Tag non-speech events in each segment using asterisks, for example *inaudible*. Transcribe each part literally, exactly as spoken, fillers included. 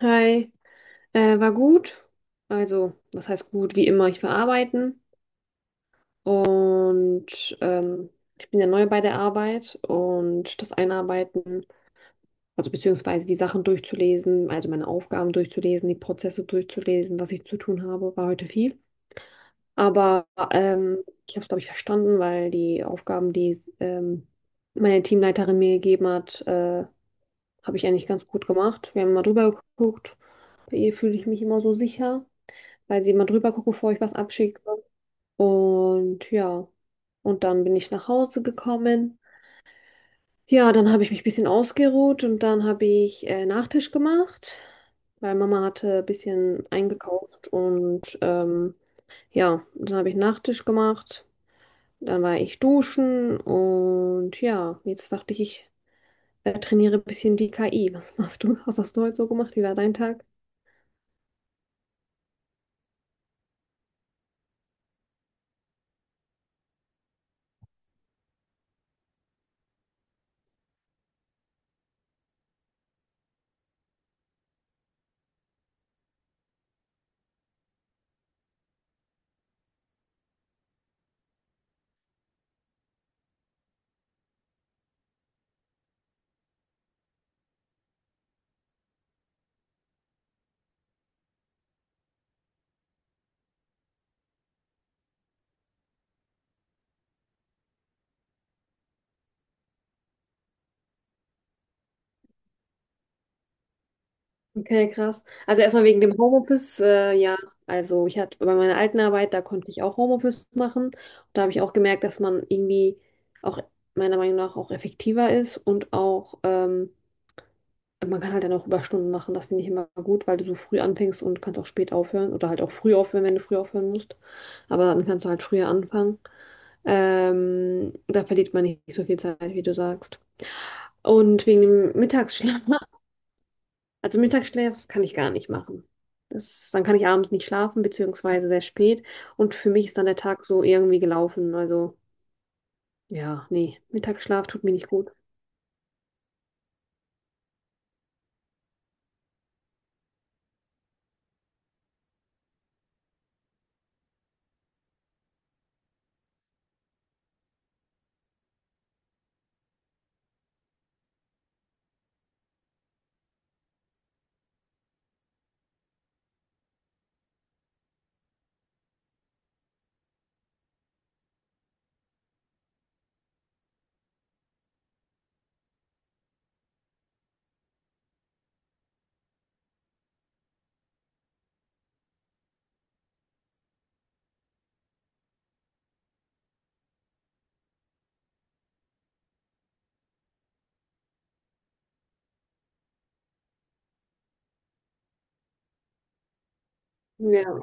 Hi, äh, war gut. Also, was heißt gut? Wie immer, ich war arbeiten und ähm, ich bin ja neu bei der Arbeit und das Einarbeiten, also beziehungsweise die Sachen durchzulesen, also meine Aufgaben durchzulesen, die Prozesse durchzulesen, was ich zu tun habe, war heute viel. Aber ähm, ich habe es, glaube ich, verstanden, weil die Aufgaben, die ähm, meine Teamleiterin mir gegeben hat, äh, habe ich eigentlich ganz gut gemacht. Wir haben mal drüber geguckt. Bei ihr fühle ich mich immer so sicher, weil sie immer drüber gucken, bevor ich was abschicke. Und ja, und dann bin ich nach Hause gekommen. Ja, dann habe ich mich ein bisschen ausgeruht und dann habe ich äh, Nachtisch gemacht, weil Mama hatte ein bisschen eingekauft und ähm, ja, dann habe ich Nachtisch gemacht. Dann war ich duschen und ja, jetzt dachte ich, ich äh, trainiere ein bisschen die K I. Was machst du? Was hast du heute so gemacht? Wie war dein Tag? Okay, krass. Also erstmal wegen dem Homeoffice, äh, ja, also ich hatte bei meiner alten Arbeit, da konnte ich auch Homeoffice machen. Da habe ich auch gemerkt, dass man irgendwie auch meiner Meinung nach auch effektiver ist und auch ähm, man kann halt dann auch Überstunden machen. Das finde ich immer gut, weil du so früh anfängst und kannst auch spät aufhören oder halt auch früh aufhören, wenn du früh aufhören musst. Aber dann kannst du halt früher anfangen. Ähm, da verliert man nicht so viel Zeit, wie du sagst. Und wegen dem Mittagsschlaf. *laughs* Also Mittagsschlaf kann ich gar nicht machen. Das, dann kann ich abends nicht schlafen, beziehungsweise sehr spät. Und für mich ist dann der Tag so irgendwie gelaufen. Also ja, nee, Mittagsschlaf tut mir nicht gut. Ja,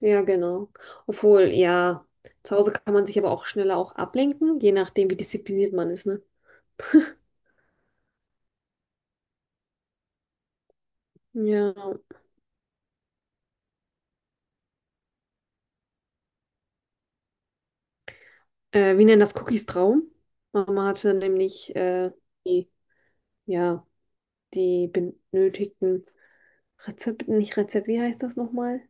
ja, genau. Obwohl, ja, zu Hause kann man sich aber auch schneller auch ablenken, je nachdem, wie diszipliniert man ist, ne? Ja. Äh, wir nennen das Cookies Traum. Mama hatte nämlich äh, die, ja, die benötigten Rezepte, nicht Rezept, wie heißt das nochmal?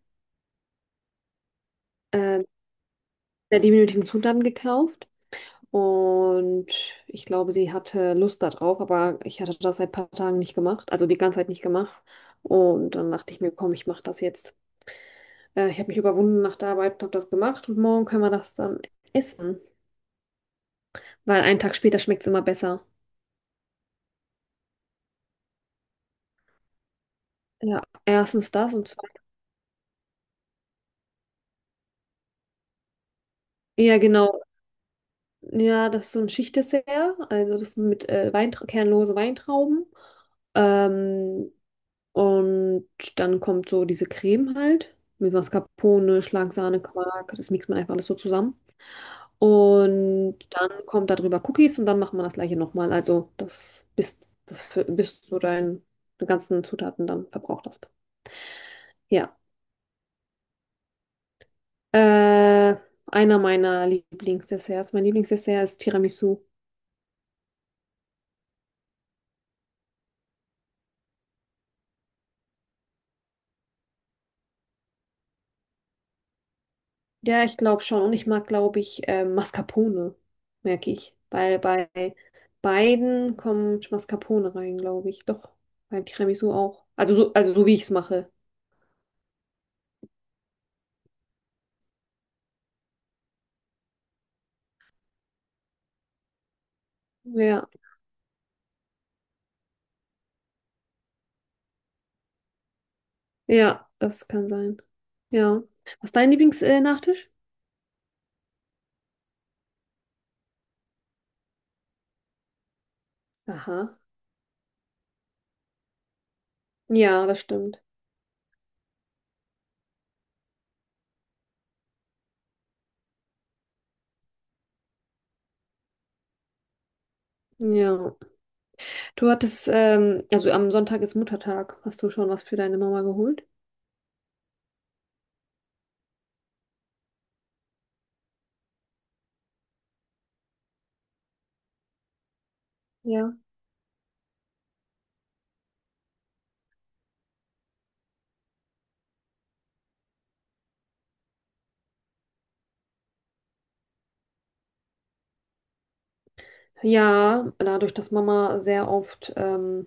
Ähm, Der die benötigten Zutaten gekauft und ich glaube, sie hatte Lust darauf, aber ich hatte das seit ein paar Tagen nicht gemacht, also die ganze Zeit nicht gemacht. Und dann dachte ich mir, komm, ich mache das jetzt. Äh, ich habe mich überwunden nach der Arbeit und habe das gemacht und morgen können wir das dann essen, weil einen Tag später schmeckt es immer besser. Ja, erstens das und zweitens, ja genau, ja, das ist so ein Schichtdessert, also das mit äh, Weintra kernlose Weintrauben. Ähm, Und dann kommt so diese Creme halt mit Mascarpone, Schlagsahne, Quark. Das mixt man einfach alles so zusammen. Und dann kommt darüber Cookies und dann macht man das gleiche nochmal. Also das bis, das, für- bis du dein, deine ganzen Zutaten dann verbraucht hast. Ja. Äh, Einer meiner Lieblingsdesserts. Mein Lieblingsdessert ist Tiramisu. Ja, ich glaube schon. Und ich mag, glaube ich, äh, Mascarpone, merke ich. Weil bei beiden kommt Mascarpone rein, glaube ich. Doch, beim Tiramisu auch. Also so, also so wie ich es mache. Ja, ja, das kann sein. Ja. Was ist dein Lieblingsnachtisch? Aha. Ja, das stimmt. Ja. Du hattest, ähm, also am Sonntag ist Muttertag. Hast du schon was für deine Mama geholt? Ja. Ja, dadurch, dass Mama sehr oft ähm,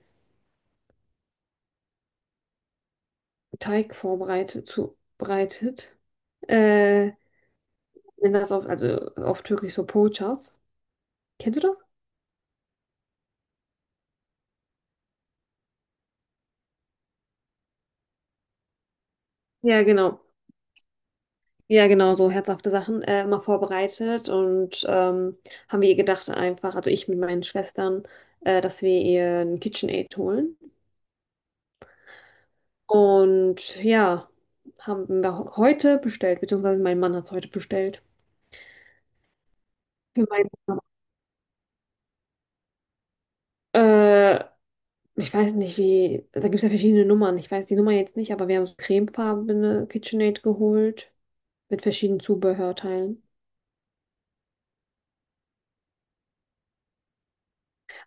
Teig vorbereitet, zubereitet, Äh, nennen das auf, also auf Türkisch so Poğaças. Kennst du das? Ja, genau. Ja, genau, so herzhafte Sachen äh, immer vorbereitet und ähm, haben wir ihr gedacht einfach, also ich mit meinen Schwestern, äh, dass wir ihr ein KitchenAid holen. Und ja, haben wir ho- heute bestellt, beziehungsweise mein Mann hat es heute bestellt. Für meinen Mann. Äh, Ich weiß nicht, wie, da gibt es ja verschiedene Nummern. Ich weiß die Nummer jetzt nicht, aber wir haben so cremefarbene KitchenAid geholt mit verschiedenen Zubehörteilen.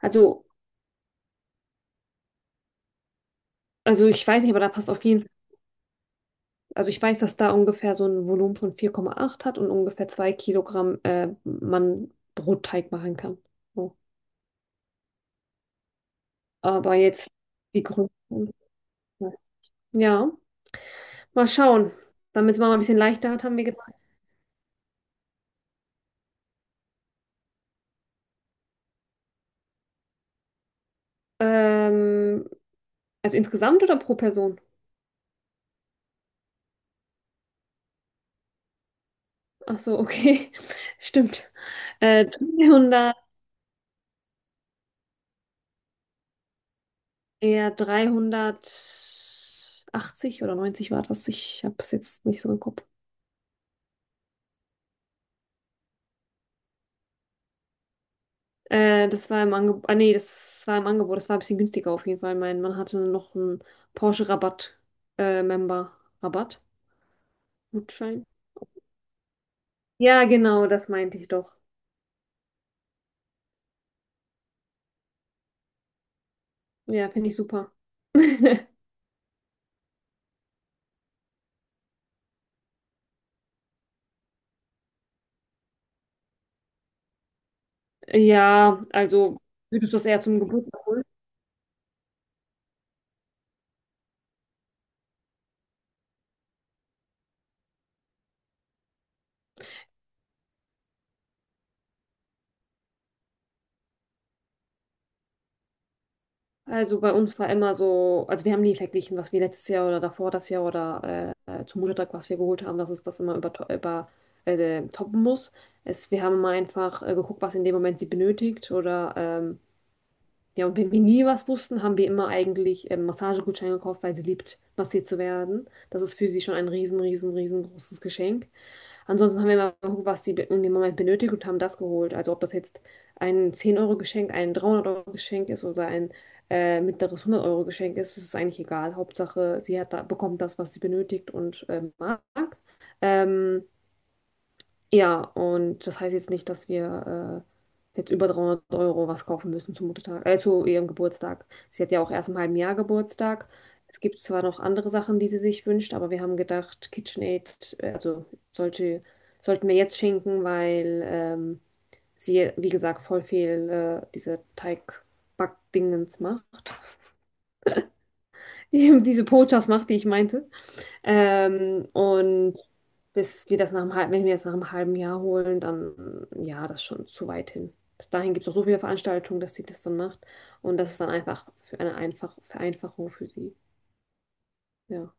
Also, also ich weiß nicht, aber da passt auf jeden Fall. Also ich weiß, dass da ungefähr so ein Volumen von vier Komma acht hat und ungefähr zwei Kilogramm äh, man Brotteig machen kann. So. Aber jetzt die Größe. Ja, mal schauen. Damit es mal ein bisschen leichter hat, haben wir gedacht. Ähm, also insgesamt oder pro Person? Ach so, okay. *laughs* Stimmt. Äh, dreihundert, eher dreihundertachtzig oder neunzig war das. Ich habe es jetzt nicht so im Kopf. Äh, das war im Angebot. Ah, nee, das war im Angebot. Das war ein bisschen günstiger auf jeden Fall. Mein Mann hatte noch einen Porsche-Rabatt, äh, Member-Rabatt. Gutschein. Ja, genau, das meinte ich doch. Ja, finde ich super. *laughs* Ja, also würdest du das eher zum Geburtstag holen? Also bei uns war immer so, also wir haben nie verglichen, was wir letztes Jahr oder davor das Jahr oder äh, äh, zum Muttertag, was wir geholt haben, dass es das immer über, über äh, toppen muss. Es, wir haben immer einfach äh, geguckt, was in dem Moment sie benötigt oder ähm, ja, und wenn wir nie was wussten, haben wir immer eigentlich ähm, Massagegutscheine gekauft, weil sie liebt, massiert zu werden. Das ist für sie schon ein riesen, riesen, riesengroßes Geschenk. Ansonsten haben wir immer geguckt, was sie in dem Moment benötigt und haben das geholt. Also ob das jetzt ein zehn euro Geschenk, ein dreihundert euro Geschenk ist oder ein äh, mittleres hundert euro Geschenk ist, das ist eigentlich egal. Hauptsache, sie hat da, bekommt das, was sie benötigt und ähm, mag. Ähm, ja, und das heißt jetzt nicht, dass wir äh, jetzt über dreihundert Euro was kaufen müssen zum Muttertag, äh, zu ihrem Geburtstag. Sie hat ja auch erst im halben Jahr Geburtstag. Es gibt zwar noch andere Sachen, die sie sich wünscht, aber wir haben gedacht, KitchenAid, äh, also sollte, sollten wir jetzt schenken, weil ähm, sie, wie gesagt, voll viel äh, diese Teigbackdingens macht. *laughs* Diese Pochas macht, die ich meinte. Ähm, und bis wir das nach einem halben, wenn wir das nach einem halben Jahr holen, dann ja, das ist schon zu weit hin. Bis dahin gibt es auch so viele Veranstaltungen, dass sie das dann macht. Und das ist dann einfach für eine einfach Vereinfachung für sie. Ja.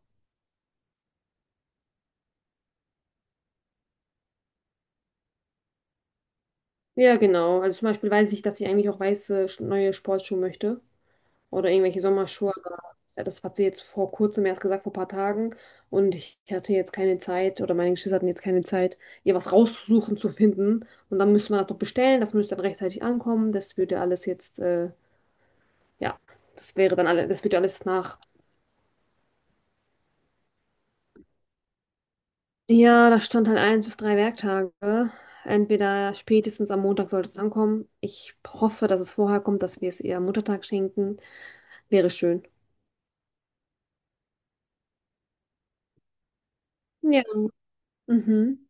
Ja, genau. Also zum Beispiel weiß ich, dass ich eigentlich auch weiße Sch- neue Sportschuhe möchte, oder irgendwelche Sommerschuhe. Aber ja, das hat sie jetzt vor kurzem erst gesagt, vor ein paar Tagen. Und ich hatte jetzt keine Zeit oder meine Geschwister hatten jetzt keine Zeit, ihr was rauszusuchen, zu finden. Und dann müsste man das noch bestellen, das müsste dann rechtzeitig ankommen. Das würde alles jetzt, äh, ja, das wäre dann alle, das würde alles nach. Ja, da stand halt eins bis drei Werktage. Entweder spätestens am Montag sollte es ankommen. Ich hoffe, dass es vorher kommt, dass wir es ihr am Muttertag schenken. Wäre schön. Ja. Mhm.